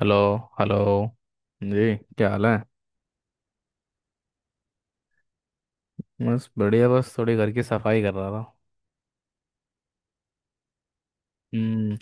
Hello. Hello जी, क्या हाल है। बस बढ़िया, बस थोड़ी घर की सफाई कर रहा था। हम्म,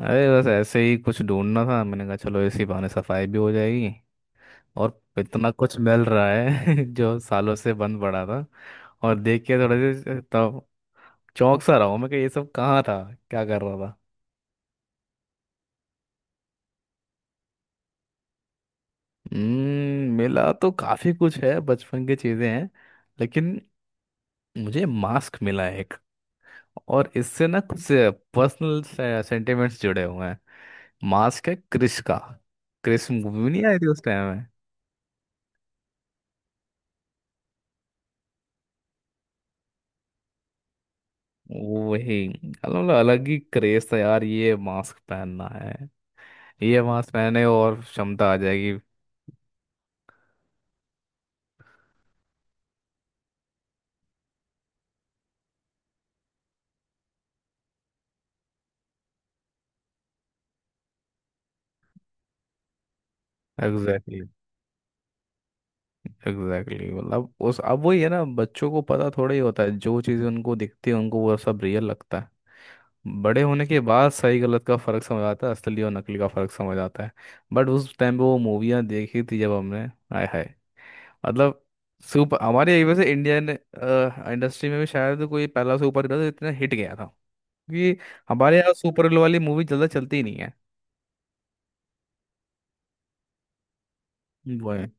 अरे बस ऐसे ही कुछ ढूंढना था, मैंने कहा चलो इसी बहाने सफाई भी हो जाएगी। और इतना कुछ मिल रहा है जो सालों से बंद पड़ा था। और देख के थोड़े से तो चौंक सा रहा हूँ मैं कि ये सब कहाँ था, क्या कर रहा था। हम्म, मिला तो काफ़ी कुछ है, बचपन की चीज़ें हैं, लेकिन मुझे मास्क मिला एक, और इससे ना कुछ पर्सनल सेंटिमेंट्स जुड़े हुए हैं। मास्क है क्रिश का। क्रिश मूवी भी नहीं आई थी उस टाइम में। वही, अलग, मतलब अलग ही क्रेज था यार, ये मास्क पहनना है, ये मास्क पहने और क्षमता आ जाएगी। Exactly, exactly. मतलब उस अब वही है ना, बच्चों को पता थोड़ा ही होता है, जो चीज़ें उनको दिखती है उनको वो सब रियल लगता है। बड़े होने के बाद सही गलत का फर्क समझ आता है, असली और नकली का फर्क समझ आता है। बट उस टाइम पे वो मूवियाँ देखी थी जब हमने, आय हाय, मतलब सुपर, हमारे ये वैसे इंडियन इंडस्ट्री में भी शायद कोई पहला सुपर हीरो था जो इतना हिट गया था। क्योंकि हमारे यहाँ सुपर हीरो वाली मूवी ज़्यादा चलती ही नहीं है। वो है,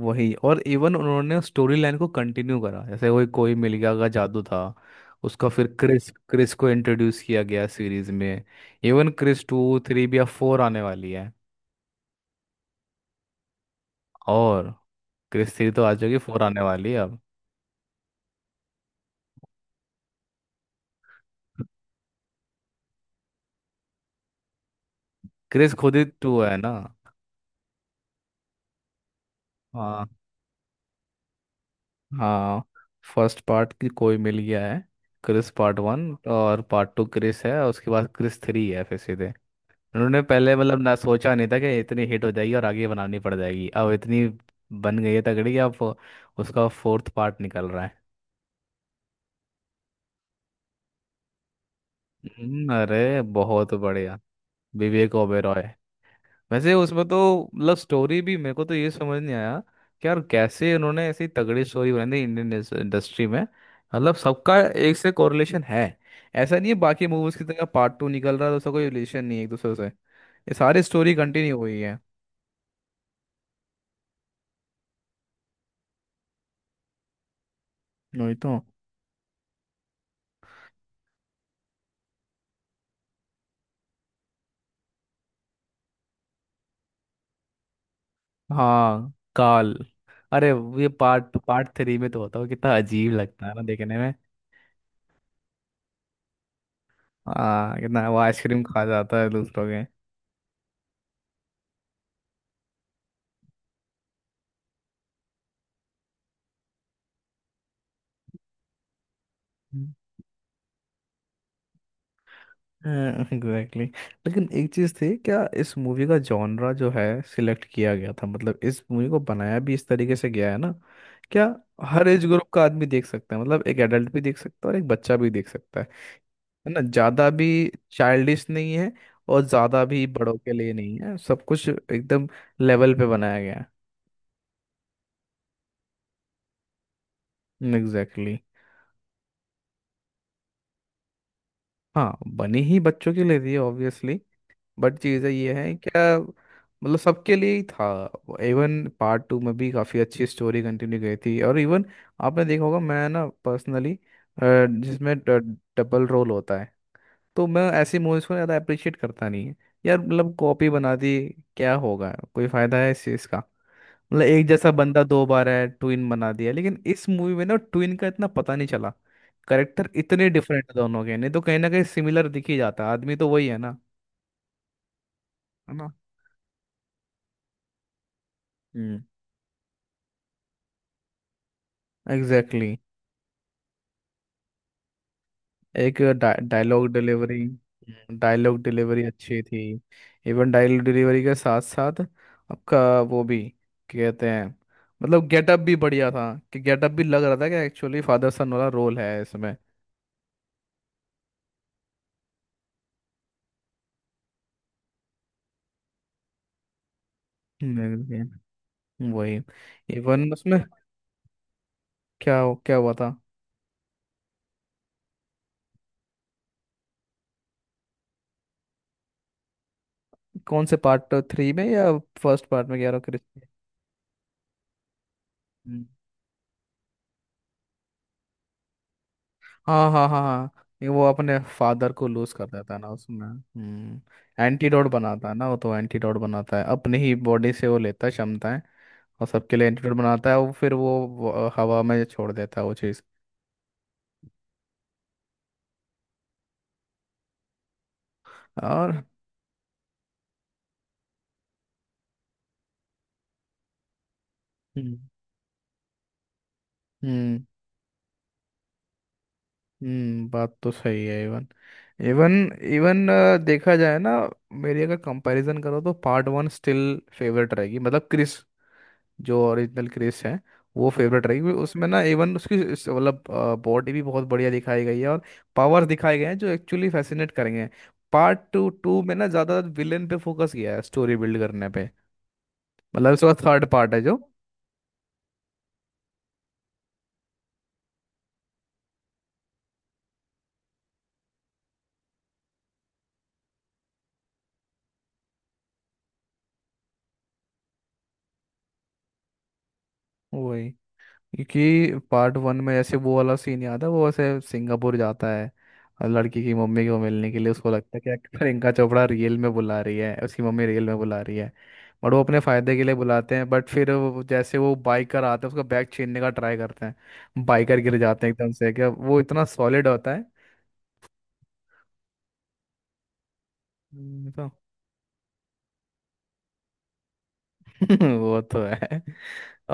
वही, और इवन उन्होंने स्टोरी लाइन को कंटिन्यू करा, जैसे वही कोई मिल गया का जादू था उसका, फिर क्रिस क्रिस को इंट्रोड्यूस किया गया सीरीज में। इवन क्रिस टू थ्री भी, अब फोर आने वाली है। और क्रिस थ्री तो आ जाएगी, फोर आने वाली है अब। क्रिस खुद ही टू है ना। हाँ। हाँ, फर्स्ट पार्ट की कोई मिल गया है। क्रिस पार्ट वन, और पार्ट टू क्रिस है, और उसके बाद क्रिस थ्री है, फिर सीधे उन्होंने पहले मतलब ना सोचा नहीं था कि इतनी हिट हो जाएगी और आगे बनानी पड़ जाएगी। अब इतनी बन गई है तगड़ी कि अब उसका फोर्थ पार्ट निकल रहा है। अरे बहुत बढ़िया। विवेक ओबेरॉय। वैसे उसमें तो मतलब स्टोरी भी, मेरे को तो ये समझ नहीं आया कि यार कैसे उन्होंने ऐसी तगड़ी स्टोरी बनाई थी इंडियन इंडस्ट्री में। मतलब सबका एक से कोरिलेशन है, ऐसा नहीं है बाकी मूवीज की तरह, पार्ट टू निकल रहा है तो उसका कोई रिलेशन नहीं है एक दूसरे से। ये सारी स्टोरी कंटिन्यू हुई है। वही तो। हाँ, काल। अरे वो ये पार्ट पार्ट थ्री में तो होता हो कितना अजीब लगता है ना देखने में। हाँ, कितना वो आइसक्रीम खा जाता है दूसरों के। एग्जैक्टली। लेकिन एक चीज थी क्या, इस मूवी का जॉनरा जो है सिलेक्ट किया गया था, मतलब इस मूवी को बनाया भी इस तरीके से गया है ना, क्या, हर एज ग्रुप का आदमी देख सकता है। मतलब एक एडल्ट भी देख सकता है और एक बच्चा भी देख सकता है। है ना, ज्यादा भी चाइल्डिश नहीं है और ज्यादा भी बड़ों के लिए नहीं है, सब कुछ एकदम लेवल पे बनाया गया है। Exactly, exactly. हाँ, बनी ही बच्चों के लिए थी ऑब्वियसली, बट चीज़ें ये हैं क्या, मतलब सबके लिए ही था। इवन पार्ट टू में भी काफ़ी अच्छी स्टोरी कंटिन्यू गई थी। और इवन आपने देखा होगा, मैं ना पर्सनली, जिसमें डबल रोल होता है तो मैं ऐसी मूवीज़ को ज़्यादा अप्रिशिएट करता नहीं है यार। मतलब कॉपी बना दी, क्या होगा, कोई फ़ायदा है इस चीज़ का, मतलब एक जैसा बंदा दो बार है, ट्विन बना दिया। लेकिन इस मूवी में ना ट्विन का इतना पता नहीं चला, करेक्टर इतने डिफरेंट दोनों के, नहीं तो कहीं ना कहीं सिमिलर दिख ही जाता, आदमी तो वही है ना। है ना, एग्जैक्टली, exactly. एक डायलॉग डिलीवरी, डायलॉग डिलीवरी अच्छी थी। इवन डायलॉग डिलीवरी के साथ साथ आपका वो भी, क्या कहते हैं, मतलब गेटअप भी बढ़िया था, कि गेटअप भी लग रहा था कि एक्चुअली फादर सन वाला रोल है इसमें। हम्म, वही। इवन उसमें क्या क्या हुआ था। कौन से, पार्ट थ्री में या फर्स्ट पार्ट में कह रहा हूँ। हाँ हाँ हाँ हाँ, ये वो अपने फादर को लूज कर देता है ना उसमें, हम्म, एंटीडोट बनाता है ना वो, तो एंटीडोट बनाता है अपनी ही बॉडी से, वो लेता है क्षमताएं और सबके लिए एंटीडोट बनाता है वो, फिर वो हवा में छोड़ देता है वो चीज़। और हम्म हम्म, बात तो सही है। इवन इवन इवन देखा जाए ना, मेरी अगर कंपैरिजन करो तो पार्ट वन स्टिल फेवरेट रहेगी, मतलब क्रिस, जो ओरिजिनल क्रिस है वो फेवरेट रहेगी, क्योंकि उसमें ना इवन उसकी मतलब बॉडी भी बहुत बढ़िया दिखाई गई है और पावर्स दिखाए गए हैं जो एक्चुअली फैसिनेट करेंगे। पार्ट टू टू में ना ज़्यादा विलेन पे फोकस किया है, स्टोरी बिल्ड करने पे, मतलब इसका थर्ड पार्ट है जो, वही, क्योंकि पार्ट वन में जैसे वो वाला सीन याद है, वो ऐसे सिंगापुर जाता है और लड़की की मम्मी को मिलने के लिए, उसको लगता है कि यार प्रियंका चोपड़ा रियल में बुला रही है, उसकी मम्मी रियल में बुला रही है, बट वो अपने फायदे के लिए बुलाते हैं, बट फिर जैसे वो बाइकर आता है उसका बैग छीनने का ट्राई करते हैं, बाइकर गिर जाते हैं एकदम से, क्या वो इतना सॉलिड होता है। तो वो तो है।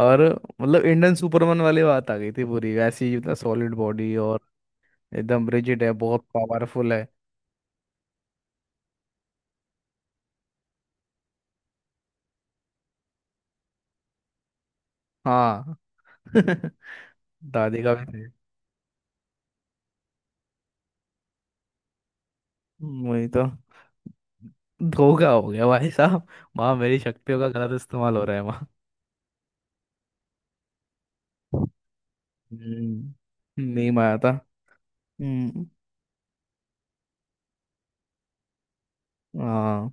और मतलब इंडियन सुपरमैन वाली बात आ गई थी पूरी, वैसी मतलब सॉलिड बॉडी और एकदम रिजिड है, बहुत पावरफुल है। हाँ। दादी का भी सही, वही तो, धोखा हो गया भाई साहब। माँ, मेरी शक्तियों का गलत इस्तेमाल हो रहा है माँ। हम्म, नीम आया था। हम्म। हाँ,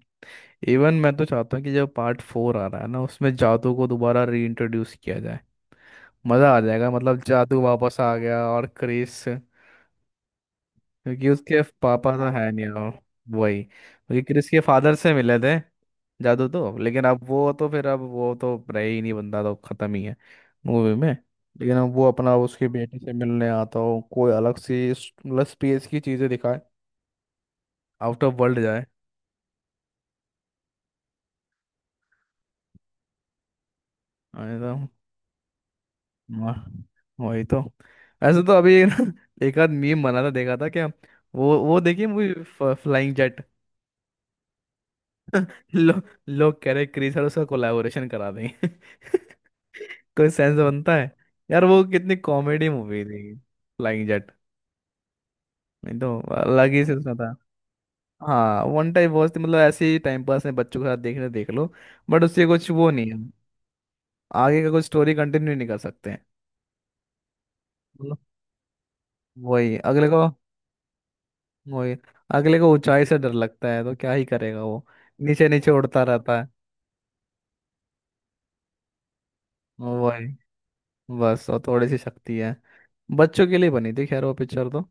इवन मैं तो चाहता हूँ कि जब पार्ट फोर आ रहा है ना उसमें जादू को दोबारा रीइंट्रोड्यूस किया जाए। मजा आ जाएगा, मतलब जादू वापस आ गया और क्रेज से। क्योंकि उसके पापा तो है नहीं, और वही, क्योंकि क्रिस के फादर से मिले थे जादू तो, लेकिन अब वो तो, फिर अब वो तो रहे ही नहीं, बंदा तो खत्म ही है मूवी में। लेकिन अब वो अपना उसके बेटे से मिलने आता हो, कोई अलग सी मतलब स्पेस की चीजें दिखाए, आउट ऑफ वर्ल्ड जाए। अरे तो वाह, वही तो। ऐसे तो अभी ना, एक आध मीम बना था देखा था क्या, वो देखिए मूवी, फ्लाइंग जेट। लो, लोग कह रहे क्रिस और उसका कोलैबोरेशन करा देंगे। कोई सेंस बनता है यार, वो कितनी कॉमेडी मूवी थी फ्लाइंग जेट। नहीं तो अलग ही सिलसिला था। हाँ, वन टाइम वॉच थी, मतलब ऐसे ही टाइम पास में बच्चों के साथ देखने देख लो, बट उससे कुछ वो नहीं है, आगे का कुछ स्टोरी कंटिन्यू नहीं कर सकते हैं। मतलब, वही अगले को, वही अगले को ऊंचाई से डर लगता है तो क्या ही करेगा वो, नीचे नीचे उड़ता रहता है। वही, बस और थोड़ी सी शक्ति है, बच्चों के लिए बनी थी खैर वो पिक्चर तो।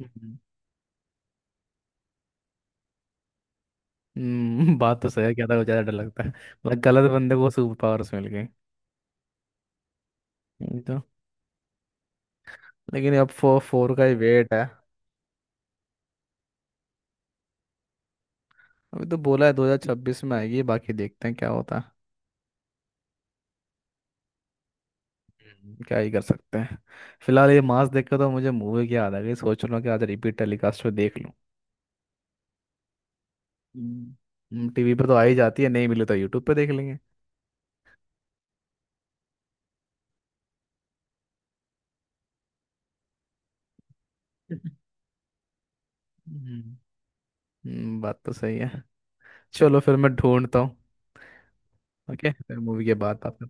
हम्म। बात तो सही है, क्या था ज़्यादा डर लगता है, मतलब गलत बंदे को सुपर पावर्स मिल गई। ये तो, लेकिन अब फोर फोर का ही वेट है। अभी तो बोला है 2026 में आएगी, बाकी देखते हैं क्या होता है। क्या ही कर सकते हैं। फिलहाल ये मास देख के तो मुझे मूवी की याद आ गई, सोच रहा हूँ कि आज रिपीट टेलीकास्ट पे देख लूँ। टीवी पे तो आ ही जाती है, नहीं मिली तो यूट्यूब पे देख लेंगे। हम्म, बात तो सही है। चलो फिर मैं ढूंढता हूँ। ओके, फिर मूवी के बाद बात करते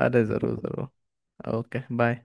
हैं। अरे ज़रूर ज़रूर। Okay bye.